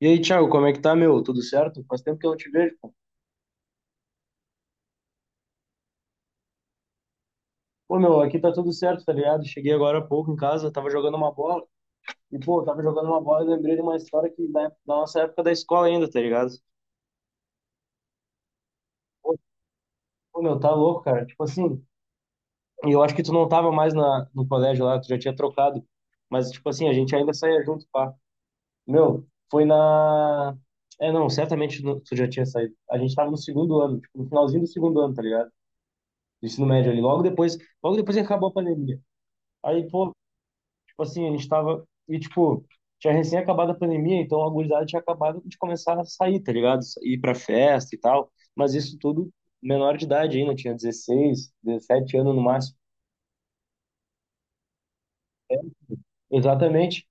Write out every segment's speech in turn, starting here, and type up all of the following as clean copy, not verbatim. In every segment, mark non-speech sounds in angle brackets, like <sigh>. E aí, Thiago, como é que tá, meu? Tudo certo? Faz tempo que eu não te vejo, pô. Pô, meu, aqui tá tudo certo, tá ligado? Cheguei agora há pouco em casa, tava jogando uma bola. E, pô, tava jogando uma bola e lembrei de uma história da nossa época da escola ainda, tá ligado? Pô, pô, meu, tá louco, cara. Tipo assim, e eu acho que tu não tava mais no colégio lá, tu já tinha trocado. Mas, tipo assim, a gente ainda saía junto, pá. Meu, foi na... É, não, certamente tu já tinha saído. A gente tava no segundo ano, tipo, no finalzinho do segundo ano, tá ligado? Do ensino médio ali. Logo depois que acabou a pandemia. Aí, pô, tipo assim, a gente tava. E, tipo, tinha recém acabado a pandemia, então a gurizada tinha acabado de começar a sair, tá ligado? Ir pra festa e tal. Mas isso tudo menor de idade ainda, tinha 16 17 anos no máximo. Exatamente.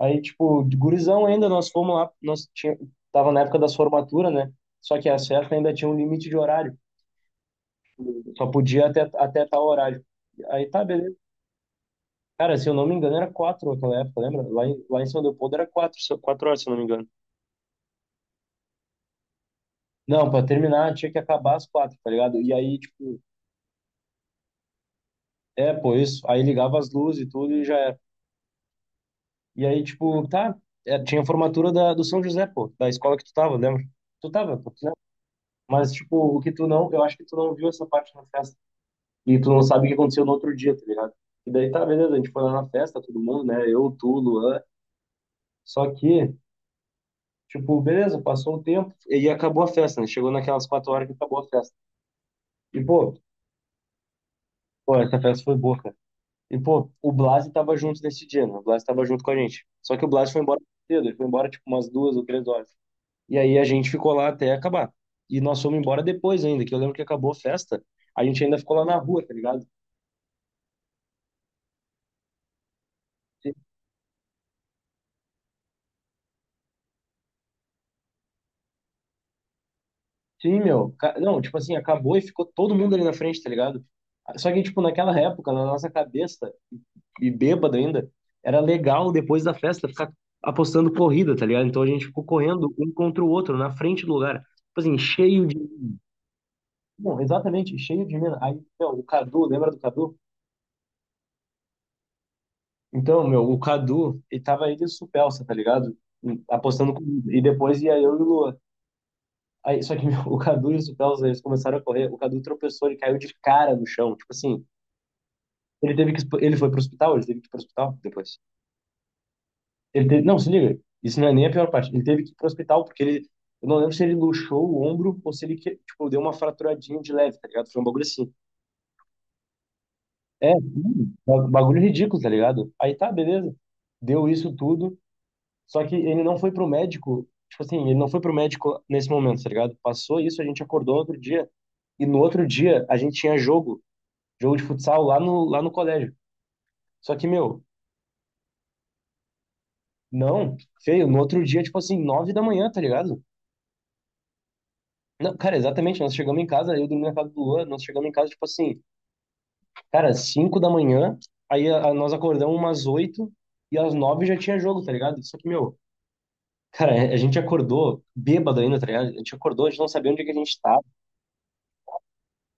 Aí, tipo, de gurizão ainda, nós fomos lá, tava na época das formaturas, né? Só que a festa ainda tinha um limite de horário, só podia até tal horário. Aí tá, beleza. Cara, se eu não me engano, era quatro naquela época, lembra? Lá em São Leopoldo era 4 horas, se eu não me engano. Não, pra terminar tinha que acabar às 4, tá ligado? E aí, tipo, é, pô, isso. Aí ligava as luzes e tudo e já era. E aí, tipo, tá. É, tinha a formatura do São José, pô, da escola que tu tava, lembra? Tu tava, pô, tu lembra? Mas, tipo, o que tu não. Eu acho que tu não viu essa parte na festa. E tu não sabe o que aconteceu no outro dia, tá ligado? E daí tá, beleza, a gente foi lá na festa, todo mundo, né? Eu, tu, Luan. Só que, tipo, beleza, passou um tempo e acabou a festa, né? Chegou naquelas 4 horas que acabou a festa. E, pô, essa festa foi boa, cara. E, pô, o Blas tava junto nesse dia, né? O Blas tava junto com a gente. Só que o Blas foi embora cedo, ele foi embora tipo umas 2 ou 3 horas. E aí a gente ficou lá até acabar. E nós fomos embora depois ainda, que eu lembro que acabou a festa, a gente ainda ficou lá na rua, tá ligado? Sim, meu. Não, tipo assim, acabou e ficou todo mundo ali na frente, tá ligado? Só que, tipo, naquela época, na nossa cabeça, e bêbado ainda, era legal depois da festa ficar apostando corrida, tá ligado? Então a gente ficou correndo um contra o outro na frente do lugar. Tipo assim, cheio de Não, exatamente, cheio de mina. Aí, meu, o Cadu, lembra do Cadu? Então, meu, o Cadu, ele tava ele e o Supelsa, tá ligado? Apostando comigo. E depois ia eu e o Lua. Aí, só que, <laughs> meu, o Cadu e o Supelsa, eles começaram a correr. O Cadu tropeçou, ele caiu de cara no chão. Tipo assim, ele teve que. Ele foi pro hospital, ele teve que ir pro hospital depois. Não, se liga, isso não é nem a pior parte. Ele teve que ir pro hospital porque ele. Eu não lembro se ele luxou o ombro ou se ele, que- tipo, deu uma fraturadinha de leve, tá ligado? Foi um bagulho assim. É, sim, bagulho ridículo, tá ligado? Aí tá, beleza. Deu isso tudo, só que ele não foi pro médico, tipo assim, ele não foi pro médico nesse momento, tá ligado? Passou isso, a gente acordou outro dia, e no outro dia a gente tinha jogo, jogo de futsal lá no colégio. Só que, meu, não, feio, no outro dia, tipo assim, 9 da manhã, tá ligado? Não, cara, exatamente, nós chegamos em casa, eu dormi na casa do Luan, nós chegamos em casa, tipo assim, cara, 5 da manhã, aí nós acordamos umas 8, e às 9 já tinha jogo, tá ligado? Só que, meu, cara, é, a gente acordou bêbado ainda, tá ligado? A gente acordou, a gente não sabia onde é que a gente tava.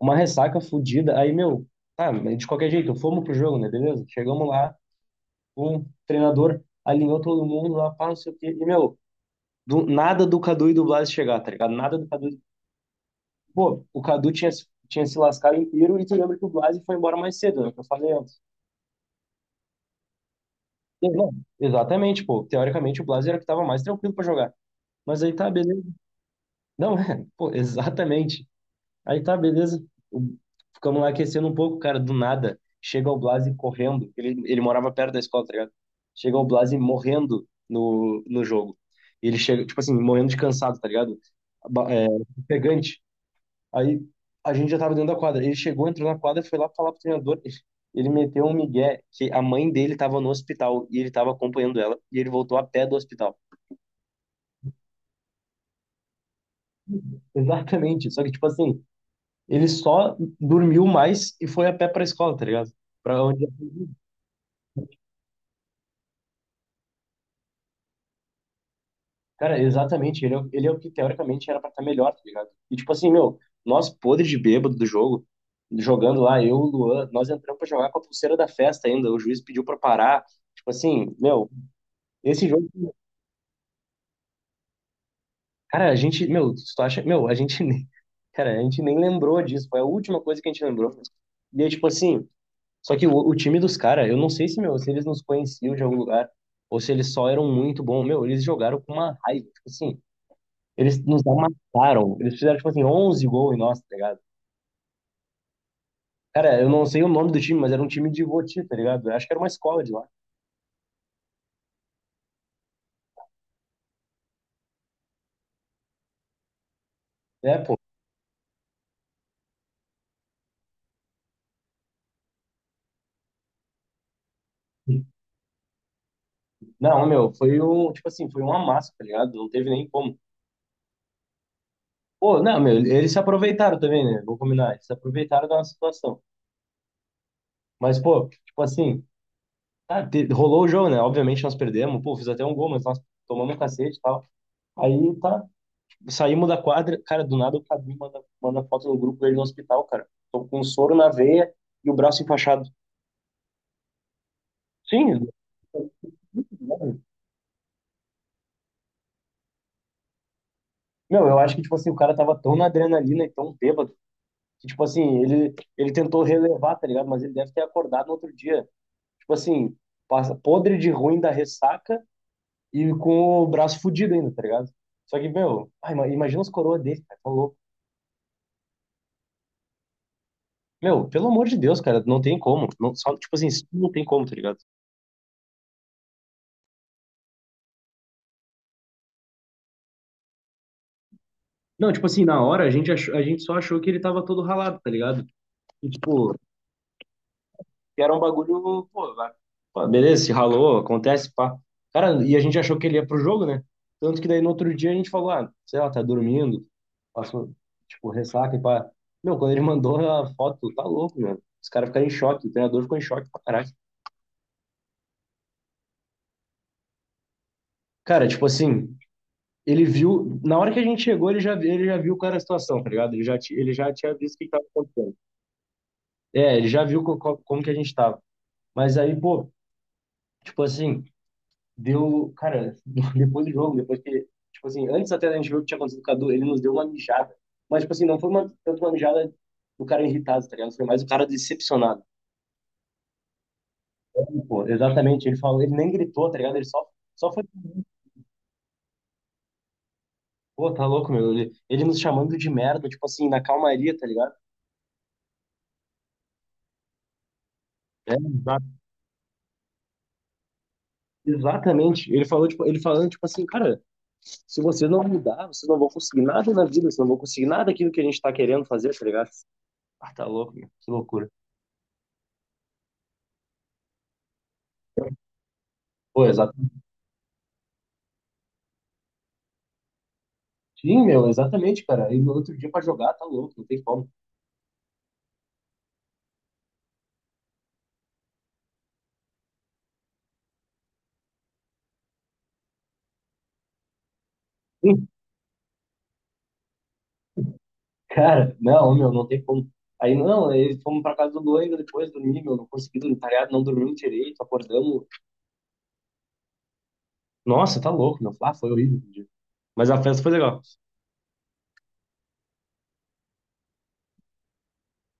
Uma ressaca fodida. Aí, meu, tá, mas de qualquer jeito, fomos pro jogo, né? Beleza? Chegamos lá, o treinador alinhou todo mundo lá, pá, não sei o quê. E, meu, nada do Cadu e do Blas chegar, tá ligado? Nada do Cadu. Pô, o Cadu tinha, tinha se lascado inteiro e tu lembra que o Blas foi embora mais cedo, né? Que eu falei antes. E, não, exatamente, pô. Teoricamente, o Blas era o que tava mais tranquilo pra jogar. Mas aí tá, beleza. Não, <laughs> é, pô, exatamente. Aí tá, beleza. O- Ficamos lá aquecendo um pouco, cara, do nada. Chega o Blasi correndo. Ele morava perto da escola, tá ligado? Chega o Blasi morrendo no jogo. E ele chega, tipo assim, morrendo de cansado, tá ligado? É, pegante. Aí a gente já tava dentro da quadra. Ele chegou, entrou na quadra, foi lá falar pro treinador. Ele meteu um migué que a mãe dele tava no hospital e ele tava acompanhando ela. E ele voltou a pé do hospital. Exatamente. Só que, tipo assim, ele só dormiu mais e foi a pé pra escola, tá ligado? Pra onde Cara, exatamente. Ele é o que teoricamente era pra estar melhor, tá ligado? E tipo assim, meu, nós podres de bêbado do jogo, jogando lá, eu, o Luan, nós entramos pra jogar com a pulseira da festa ainda. O juiz pediu pra parar. Tipo assim, meu, esse jogo. Cara, a gente, meu, se tu acha. Meu, a gente nem. <laughs> Cara, a gente nem lembrou disso. Foi a última coisa que a gente lembrou. E aí, tipo assim, só que o time dos caras, eu não sei se, meu, se eles nos conheciam de algum lugar, ou se eles só eram muito bons. Meu, eles jogaram com uma raiva. Tipo assim. Eles nos amassaram. Eles fizeram, tipo assim, 11 gols em nós, tá ligado? Cara, eu não sei o nome do time, mas era um time de Voti, tá ligado? Eu acho que era uma escola de lá. É, pô. Não, meu, foi um, tipo assim, foi um amasso, tá ligado? Não teve nem como. Pô, não, meu, eles se aproveitaram também, né? Vou combinar, eles se aproveitaram da nossa situação. Mas, pô, tipo assim, tá, rolou o jogo, né? Obviamente nós perdemos, pô, fiz até um gol, mas nós tomamos um cacete e tal. Aí tá, saímos da quadra, cara, do nada o Cadu manda foto no grupo dele no hospital, cara. Tô com um soro na veia e o braço enfaixado. Sim. Meu, eu acho que, tipo assim, o cara tava tão na adrenalina e tão bêbado que, tipo assim, ele tentou relevar, tá ligado? Mas ele deve ter acordado no outro dia. Tipo assim, passa podre de ruim da ressaca e com o braço fudido ainda, tá ligado? Só que, meu, ai, imagina os coroas dele, cara, tá louco. Meu, pelo amor de Deus, cara, não tem como. Não, só, tipo assim, isso não tem como, tá ligado? Não, tipo assim, na hora a gente, a gente só achou que ele tava todo ralado, tá ligado? E, tipo, que era um bagulho, pô, pô, beleza, se ralou, acontece, pá. Cara, e a gente achou que ele ia pro jogo, né? Tanto que daí no outro dia a gente falou, ah, sei lá, tá dormindo, passou, tipo, ressaca e pá. Meu, quando ele mandou a foto, tá louco, meu. Os caras ficaram em choque, o treinador ficou em choque pra caralho. Cara, tipo assim, ele viu, na hora que a gente chegou, ele já viu qual era a situação, tá ligado? Ele já, ele já tinha visto o que tava acontecendo. É, ele já viu como que a gente tava. Mas aí, pô, tipo assim, deu. Cara, <laughs> depois do jogo, depois que. Tipo assim, antes até da gente ver o que tinha acontecido com o Cadu, ele nos deu uma mijada. Mas, tipo assim, não foi uma, tanto uma mijada do cara irritado, tá ligado? Foi mais o cara decepcionado. Pô, exatamente, ele falou, ele nem gritou, tá ligado? Só foi. Pô, tá louco, meu. Ele nos chamando de merda, tipo assim, na calmaria, tá ligado? É, exatamente. Ele falou, tipo, ele falando, tipo assim, cara, se vocês não mudar, vocês não vão conseguir nada na vida, vocês não vão conseguir nada daquilo que a gente tá querendo fazer, tá ligado? Ah, tá louco, meu. Que loucura. Pô, exato. Sim, meu, exatamente, cara. Aí no outro dia pra jogar, tá louco, não tem como. Sim, cara, não, meu, não tem como. Aí, não, aí fomos pra casa do Luan ainda depois dormir, meu, não consegui dormir, tá ligado? Não dormimos direito, acordamos. Nossa, tá louco, meu. Ah, foi horrível o dia. Mas a festa foi legal.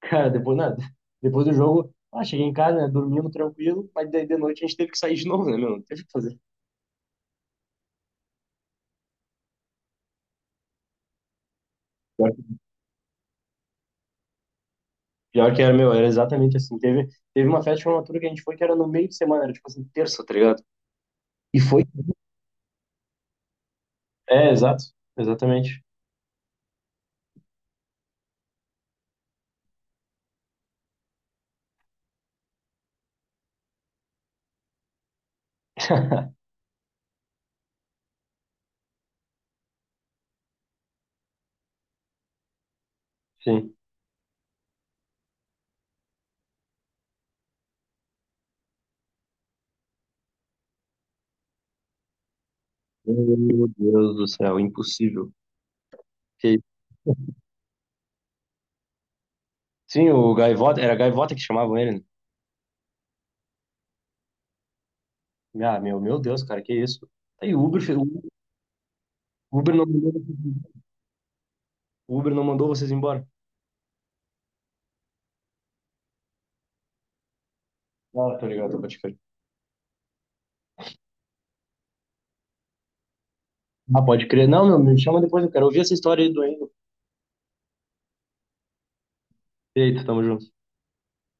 Cara, depois, nada. Depois do jogo, ah, cheguei em casa, né, dormimos tranquilo, mas daí de noite a gente teve que sair de novo, né, meu? Não teve o que fazer. Pior que pior que era, meu, era exatamente assim. Teve uma festa de formatura que a gente foi que era no meio de semana, era tipo assim, terça, tá ligado? E foi É, exato. Exatamente. Sim. Meu Deus do céu, impossível. Que- Sim, o Gaivota, era Gaivota que chamavam ele, né? Ah, meu Deus, cara, que isso? Tá Aí o Uber, o Uber não mandou, o Uber não mandou vocês embora. Ah, tô ligado, pode crer. Ah, pode crer. Não, meu, me chama depois, eu quero ouvir essa história aí do Endo. Eita, tamo junto.